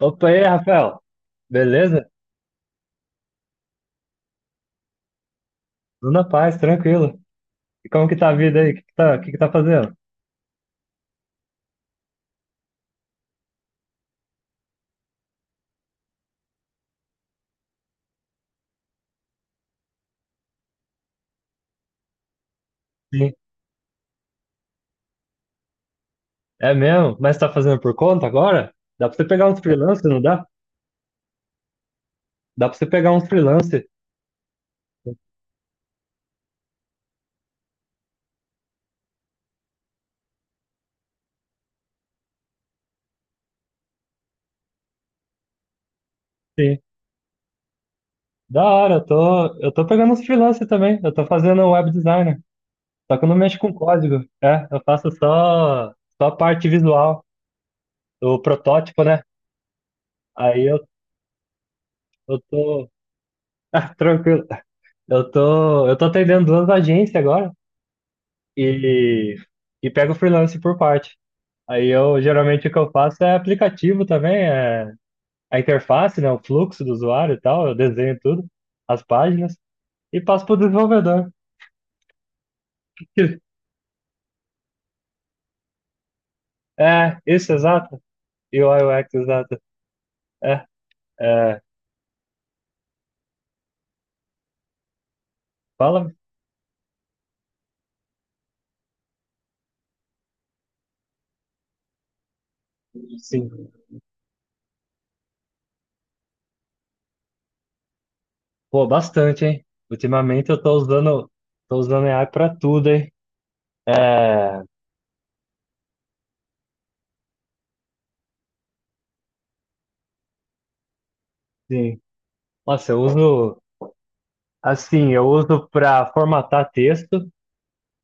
Opa, e aí, Rafael? Beleza? Tudo na paz, tranquilo. E como que tá a vida aí? O que que tá, fazendo? Sim. É mesmo? Mas tá fazendo por conta agora? Dá pra você pegar uns freelance, não dá? Dá pra você pegar uns freelance. Sim. Da hora, eu tô pegando uns freelance também. Eu tô fazendo um web designer. Só que eu não mexo com código. É, eu faço só, só a parte visual, o protótipo, né? Aí eu tô. Ah, tranquilo. Eu tô atendendo duas agências agora, e, e pego o freelance por parte. Aí eu geralmente o que eu faço é aplicativo também, é a interface, né, o fluxo do usuário e tal, eu desenho tudo, as páginas, e passo para o desenvolvedor. É, isso, exato. E o UX, exato. É, é, fala, sim. Pô, bastante, hein? Ultimamente tô usando AI para tudo, hein? É, sim. Nossa, eu uso para formatar texto.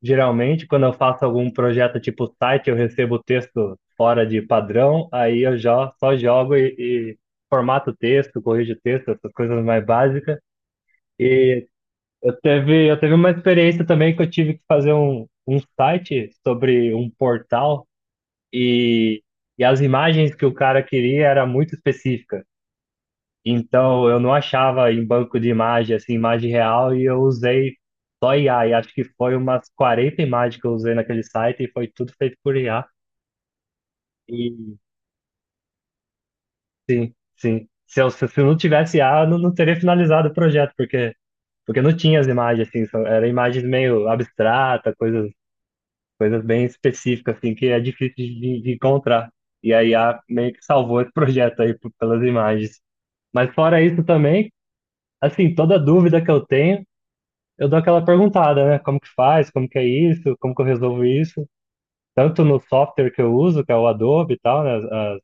Geralmente, quando eu faço algum projeto tipo site, eu recebo o texto fora de padrão, aí eu já só jogo e formato o texto, corrijo o texto, essas coisas mais básicas. E eu teve uma experiência também que eu tive que fazer um site sobre um portal e, e as imagens que o cara queria era muito específica. Então, eu não achava em banco de imagem, assim, imagem real, e eu usei só IA. E acho que foi umas 40 imagens que eu usei naquele site e foi tudo feito por IA. E sim, sim. Se eu não tivesse IA, eu não, não teria finalizado o projeto, porque não tinha as imagens, assim, são, eram imagens meio abstratas, coisas, coisas bem específicas, assim, que é difícil de encontrar. E a IA meio que salvou esse projeto aí pelas imagens. Mas fora isso também, assim, toda dúvida que eu tenho, eu dou aquela perguntada, né? Como que faz? Como que é isso? Como que eu resolvo isso? Tanto no software que eu uso, que é o Adobe e tal, né?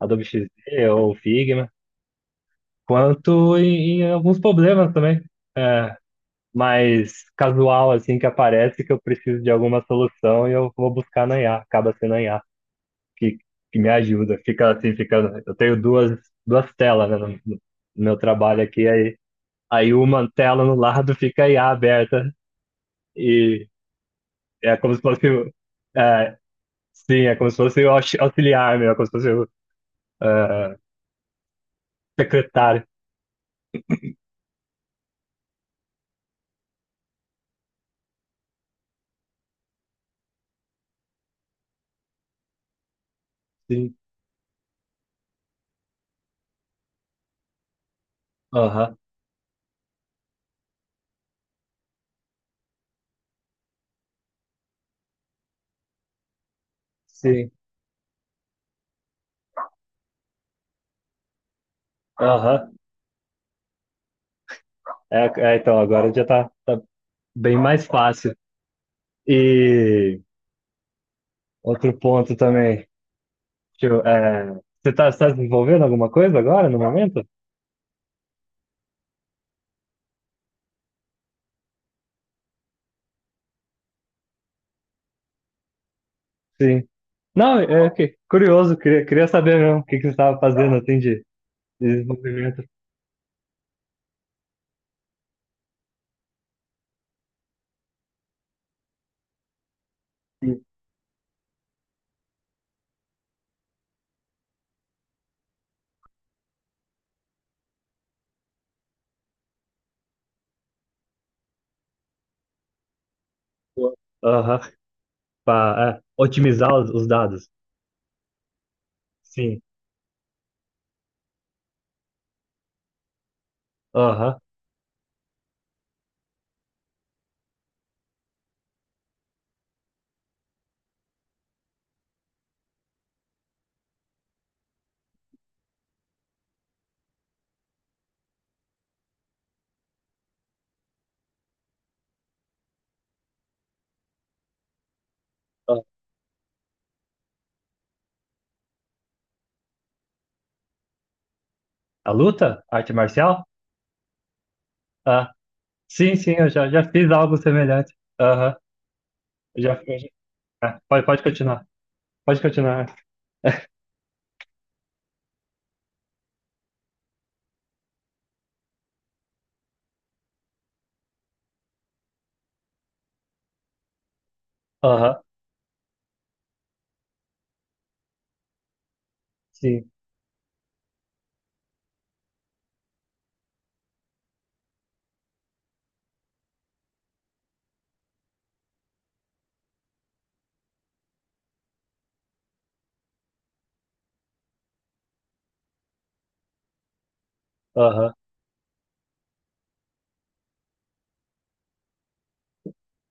Adobe XD ou Figma, quanto em alguns problemas também. É, mais casual, assim, que aparece que eu preciso de alguma solução e eu vou buscar na IA, acaba sendo a IA que, que me ajuda. Fica assim, fica. Eu tenho duas telas, né, no meu trabalho aqui, aí uma tela no lado fica a IA aberta. E é como se fosse o... É, sim, é como se fosse o auxiliar, meu. É como se fosse o ah, secretário. Sim. Aham. Sim. Aham. Então, agora já tá bem mais fácil. E outro ponto também. Deixa eu, é, você tá desenvolvendo alguma coisa agora, no momento? Sim. Não, é que curioso, queria saber mesmo o que, que você estava fazendo assim de desenvolvimento. Sim. Aham, para otimizar os dados. Sim. Aham. A luta? Arte marcial? Ah, sim, sim, eu já, já fiz algo semelhante. Aham, eu já, eu ah, pode, pode continuar, pode continuar. Aham, sim, aham,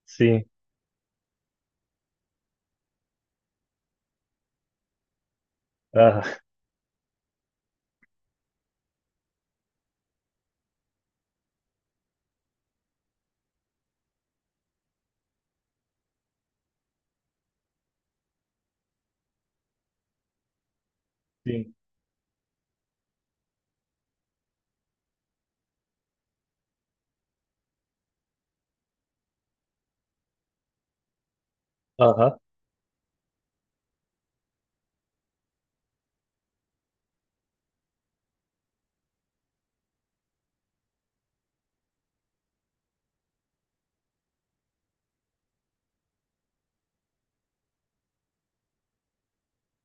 sim, aham, sim, aham,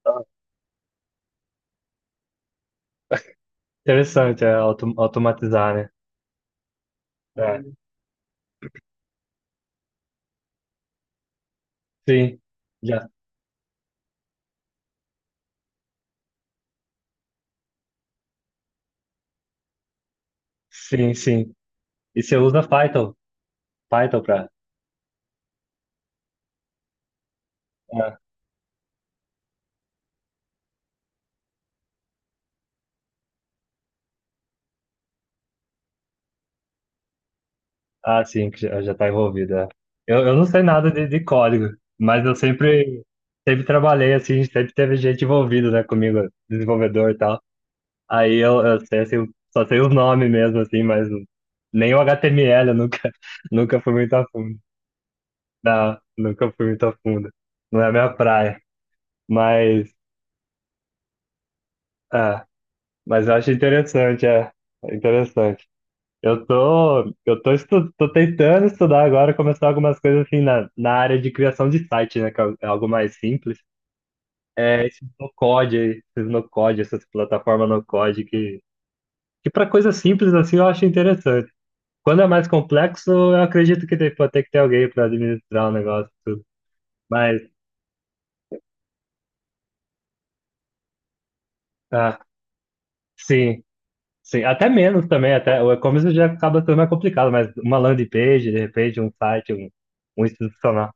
aham. Interessante, é automatizar, né? É, sim, já, sim, sim. E você usa Python, Python pra... Ah, ah, sim, que já, já tá envolvido, é. Eu não sei nada de código, mas eu sempre, sempre trabalhei assim, sempre teve gente envolvida, né, comigo, desenvolvedor e tal. Eu sei, assim, só sei os nomes mesmo, assim, mas nem o HTML eu nunca, nunca fui muito a fundo. Não, nunca fui muito a fundo. Não é a minha praia. Mas, ah, mas eu acho interessante, é, é interessante. Tô tentando estudar agora, começar algumas coisas assim na área de criação de site, né, que é algo mais simples. É, esses no code, aí, esses no code, essas plataformas no code que para coisas simples assim eu acho interessante. Quando é mais complexo, eu acredito que pode ter que ter alguém para administrar o negócio e tudo. Mas, ah, sim, sim. Até menos também, até o e-commerce já acaba sendo mais complicado, mas uma landing page, de repente, um site, um institucional.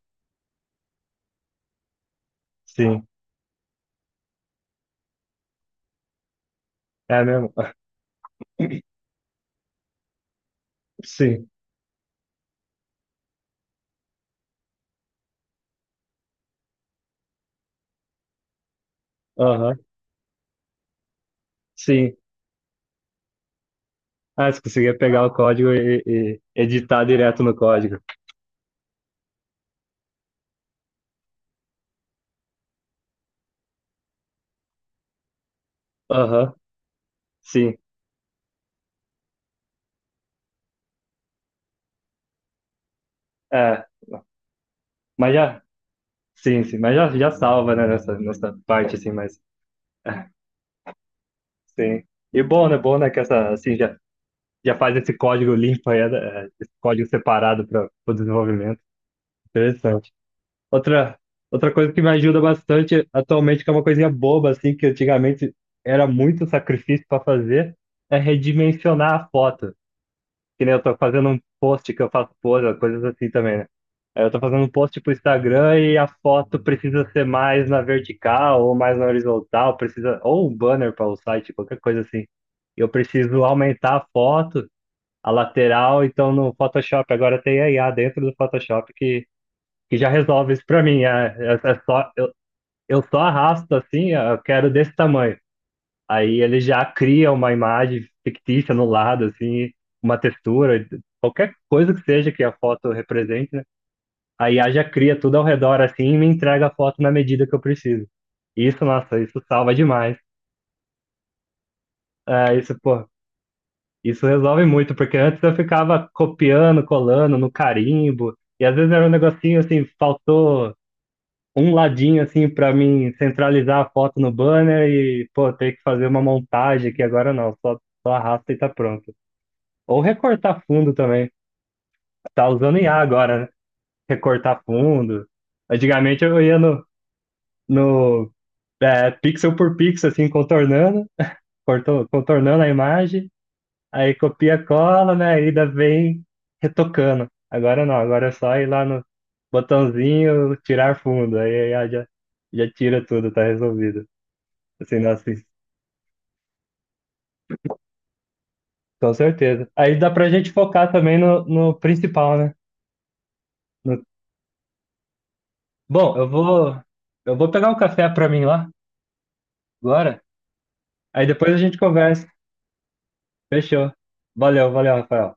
Sim, é mesmo. Sim, aham, sim. Ah, se conseguir pegar o código e editar direto no código. Aham, sim. É, mas já, sim, sim, mas já, já salva, né, nessa parte, assim, mas, é, sim. E bom, né, que essa, assim, já já faz esse código limpo aí, né? É, esse código separado para o desenvolvimento. Interessante. Outra, outra coisa que me ajuda bastante atualmente, que é uma coisinha boba, assim, que antigamente era muito sacrifício para fazer, é redimensionar a foto. Que nem eu tô fazendo um post que eu faço pose, coisas assim também, né? Aí eu tô fazendo um post pro Instagram e a foto precisa ser mais na vertical ou mais na horizontal, precisa, ou um banner para o site, qualquer coisa assim. Eu preciso aumentar a foto a lateral, então no Photoshop agora tem a IA dentro do Photoshop que já resolve isso para mim. É, é, eu só arrasto assim, ó, eu quero desse tamanho. Aí ele já cria uma imagem fictícia no lado, assim, uma textura, qualquer coisa que seja que a foto represente, né? A IA já cria tudo ao redor assim e me entrega a foto na medida que eu preciso. Isso, nossa, isso salva demais. É, isso, pô, isso resolve muito, porque antes eu ficava copiando, colando no carimbo, e às vezes era um negocinho assim, faltou um ladinho assim para mim centralizar a foto no banner e, pô, ter que fazer uma montagem aqui agora não, só arrasta e tá pronto. Ou recortar fundo também. Tá usando IA agora, né? Recortar fundo. Antigamente eu ia no, no é, pixel por pixel, assim, contornando, contornando a imagem. Aí copia, cola, né? Aí ainda vem retocando. Agora não, agora é só ir lá no botãozinho, tirar fundo. Já tira tudo, tá resolvido. Assim, nossa, com certeza. Aí dá pra gente focar também no principal, né? No... Bom, eu vou pegar um café pra mim lá, agora. Aí depois a gente conversa. Fechou. Valeu, valeu, Rafael.